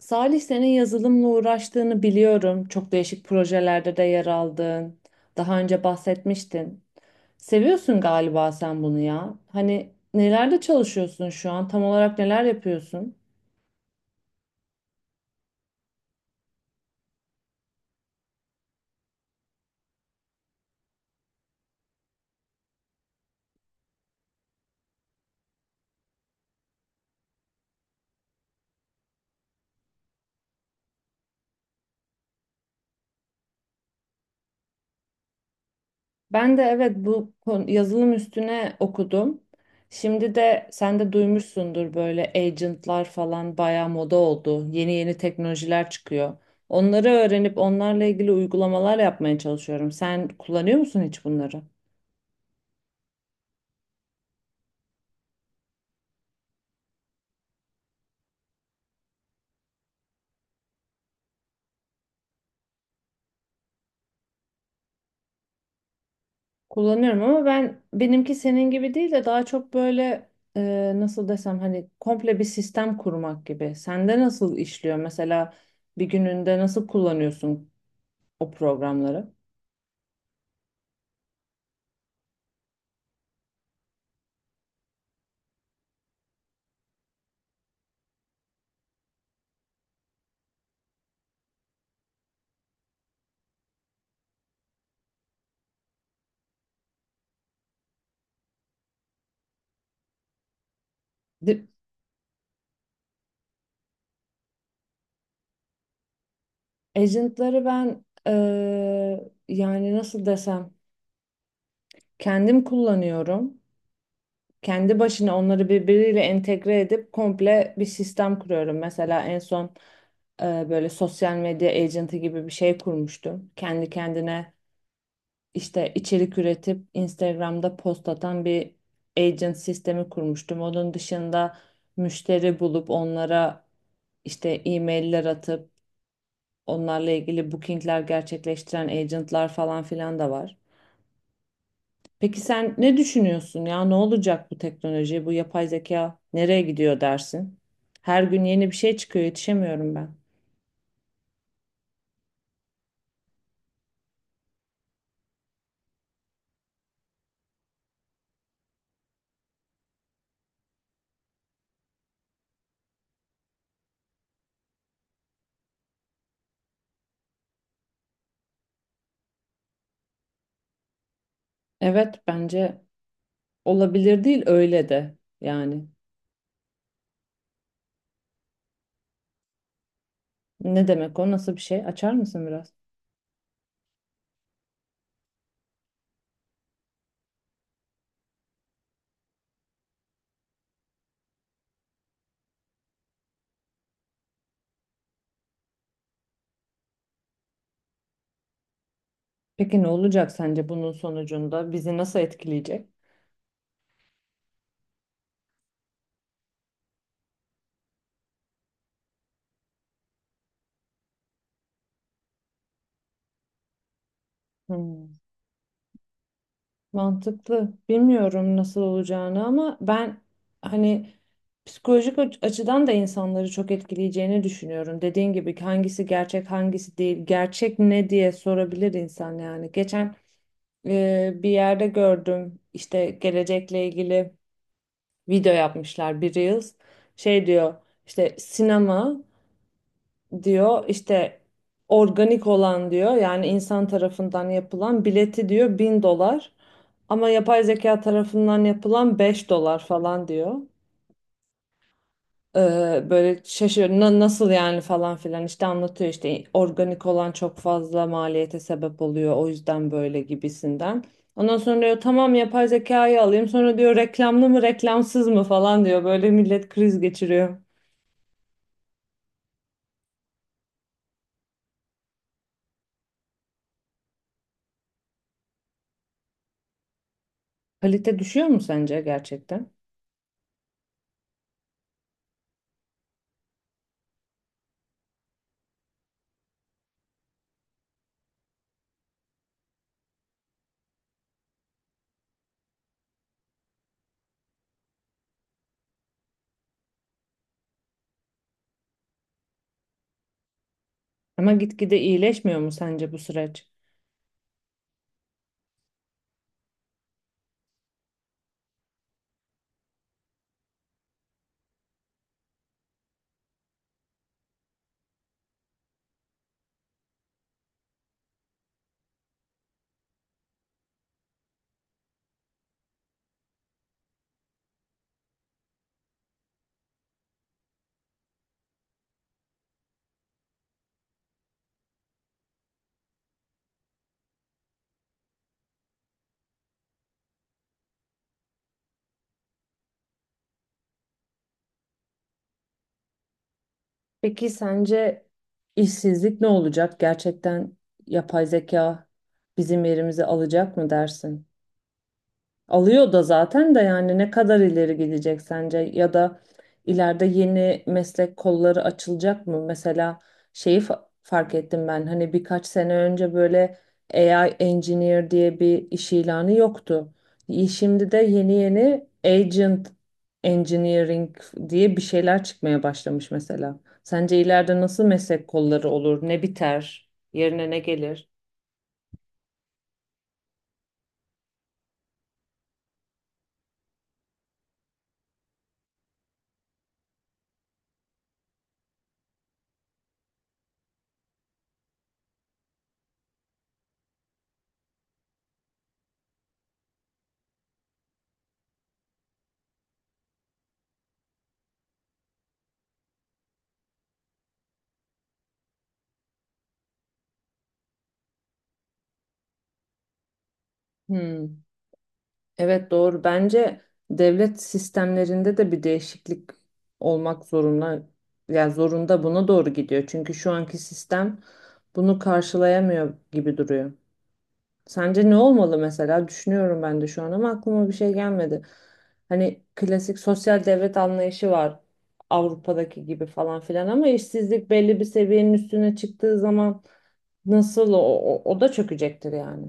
Salih senin yazılımla uğraştığını biliyorum. Çok değişik projelerde de yer aldın. Daha önce bahsetmiştin. Seviyorsun galiba sen bunu ya. Hani nelerde çalışıyorsun şu an? Tam olarak neler yapıyorsun? Ben de evet bu yazılım üstüne okudum. Şimdi de sen de duymuşsundur böyle agentlar falan bayağı moda oldu. Yeni yeni teknolojiler çıkıyor. Onları öğrenip onlarla ilgili uygulamalar yapmaya çalışıyorum. Sen kullanıyor musun hiç bunları? Kullanıyorum ama ben benimki senin gibi değil de daha çok böyle nasıl desem hani komple bir sistem kurmak gibi. Sende nasıl işliyor mesela bir gününde nasıl kullanıyorsun o programları? Di- Agent'ları ben yani nasıl desem kendim kullanıyorum. Kendi başına onları birbiriyle entegre edip komple bir sistem kuruyorum. Mesela en son böyle sosyal medya agent'ı gibi bir şey kurmuştum. Kendi kendine işte içerik üretip Instagram'da post atan bir agent sistemi kurmuştum. Onun dışında müşteri bulup onlara işte e-mailler atıp onlarla ilgili bookingler gerçekleştiren agentlar falan filan da var. Peki sen ne düşünüyorsun ya? Ne olacak bu teknoloji, bu yapay zeka nereye gidiyor dersin? Her gün yeni bir şey çıkıyor, yetişemiyorum ben. Evet, bence olabilir değil öyle de yani. Ne demek o? Nasıl bir şey? Açar mısın biraz? Peki ne olacak sence bunun sonucunda? Bizi nasıl etkileyecek? Hmm. Mantıklı. Bilmiyorum nasıl olacağını ama ben hani psikolojik açıdan da insanları çok etkileyeceğini düşünüyorum. Dediğin gibi hangisi gerçek hangisi değil, gerçek ne diye sorabilir insan yani. Geçen bir yerde gördüm işte gelecekle ilgili video yapmışlar bir Reels. Şey diyor işte sinema diyor işte organik olan diyor yani insan tarafından yapılan bileti diyor 1.000 dolar ama yapay zeka tarafından yapılan 5 dolar falan diyor. Böyle şaşırıyor, "Na- nasıl yani" falan filan işte anlatıyor, işte organik olan çok fazla maliyete sebep oluyor o yüzden böyle gibisinden. Ondan sonra diyor tamam yapay zekayı alayım, sonra diyor reklamlı mı reklamsız mı falan diyor, böyle millet kriz geçiriyor. Kalite düşüyor mu sence gerçekten? Ama gitgide iyileşmiyor mu sence bu süreç? Peki sence işsizlik ne olacak? Gerçekten yapay zeka bizim yerimizi alacak mı dersin? Alıyor da zaten de, yani ne kadar ileri gidecek sence ya da ileride yeni meslek kolları açılacak mı? Mesela şeyi fark ettim ben, hani birkaç sene önce böyle AI engineer diye bir iş ilanı yoktu. Şimdi de yeni yeni agent engineering diye bir şeyler çıkmaya başlamış mesela. Sence ileride nasıl meslek kolları olur? Ne biter? Yerine ne gelir? Hmm. Evet, doğru. Bence devlet sistemlerinde de bir değişiklik olmak zorunda. Yani zorunda, buna doğru gidiyor. Çünkü şu anki sistem bunu karşılayamıyor gibi duruyor. Sence ne olmalı mesela? Düşünüyorum ben de şu an ama aklıma bir şey gelmedi. Hani klasik sosyal devlet anlayışı var, Avrupa'daki gibi falan filan, ama işsizlik belli bir seviyenin üstüne çıktığı zaman nasıl o da çökecektir yani.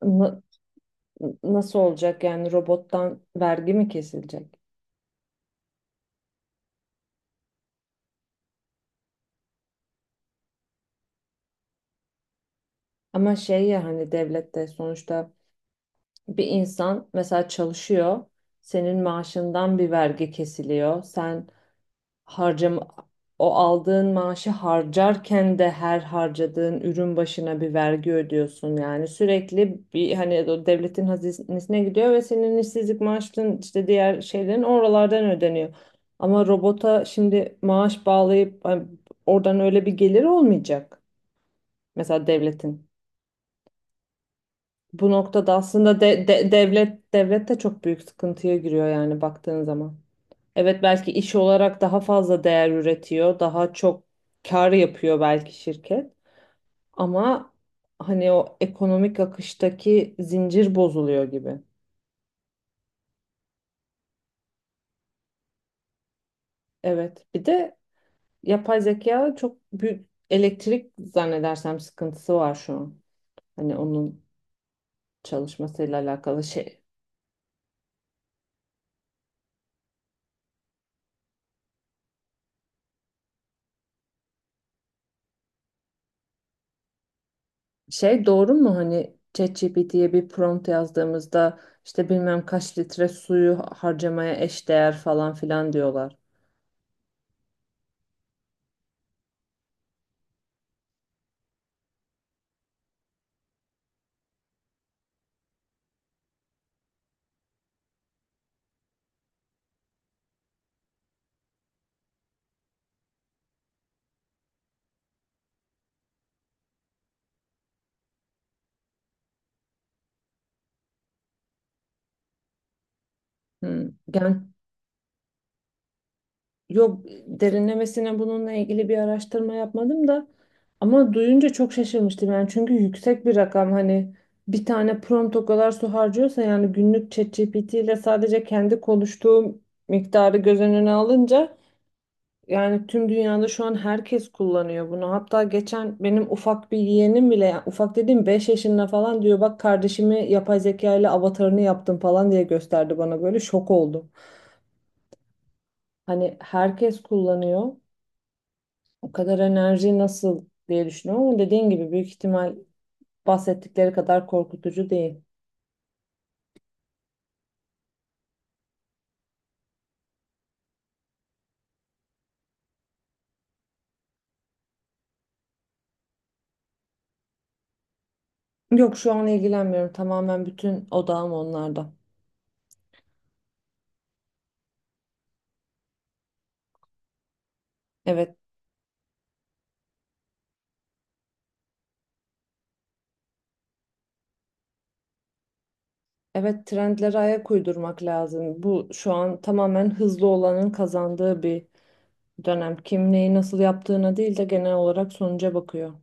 Na- nasıl olacak yani, robottan vergi mi kesilecek? Ama şey ya, hani devlette sonuçta bir insan mesela çalışıyor, senin maaşından bir vergi kesiliyor. Sen harcam o aldığın maaşı harcarken de her harcadığın ürün başına bir vergi ödüyorsun. Yani sürekli bir hani o devletin hazinesine gidiyor ve senin işsizlik maaşın, işte diğer şeylerin oralardan ödeniyor. Ama robota şimdi maaş bağlayıp hani oradan öyle bir gelir olmayacak. Mesela devletin. Bu noktada aslında devlet de çok büyük sıkıntıya giriyor yani baktığın zaman. Evet, belki iş olarak daha fazla değer üretiyor, daha çok kar yapıyor belki şirket, ama hani o ekonomik akıştaki zincir bozuluyor gibi. Evet. Bir de yapay zeka çok büyük elektrik zannedersem sıkıntısı var şu an. Hani onun çalışmasıyla alakalı şey. Şey, doğru mu hani ChatGPT'ye bir prompt yazdığımızda işte bilmem kaç litre suyu harcamaya eşdeğer falan filan diyorlar. Hmm. Yani yok, derinlemesine bununla ilgili bir araştırma yapmadım da ama duyunca çok şaşırmıştım yani, çünkü yüksek bir rakam, hani bir tane prompt o kadar su harcıyorsa yani günlük ChatGPT ile sadece kendi konuştuğum miktarı göz önüne alınca. Yani tüm dünyada şu an herkes kullanıyor bunu. Hatta geçen benim ufak bir yeğenim bile, yani ufak dediğim 5 yaşında falan, diyor bak kardeşimi yapay zeka ile avatarını yaptım falan diye gösterdi bana, böyle şok oldum. Hani herkes kullanıyor. O kadar enerji nasıl diye düşünüyorum ama dediğin gibi büyük ihtimal bahsettikleri kadar korkutucu değil. Yok, şu an ilgilenmiyorum. Tamamen bütün odağım onlarda. Evet. Evet, trendlere ayak uydurmak lazım. Bu şu an tamamen hızlı olanın kazandığı bir dönem. Kim neyi nasıl yaptığına değil de genel olarak sonuca bakıyor.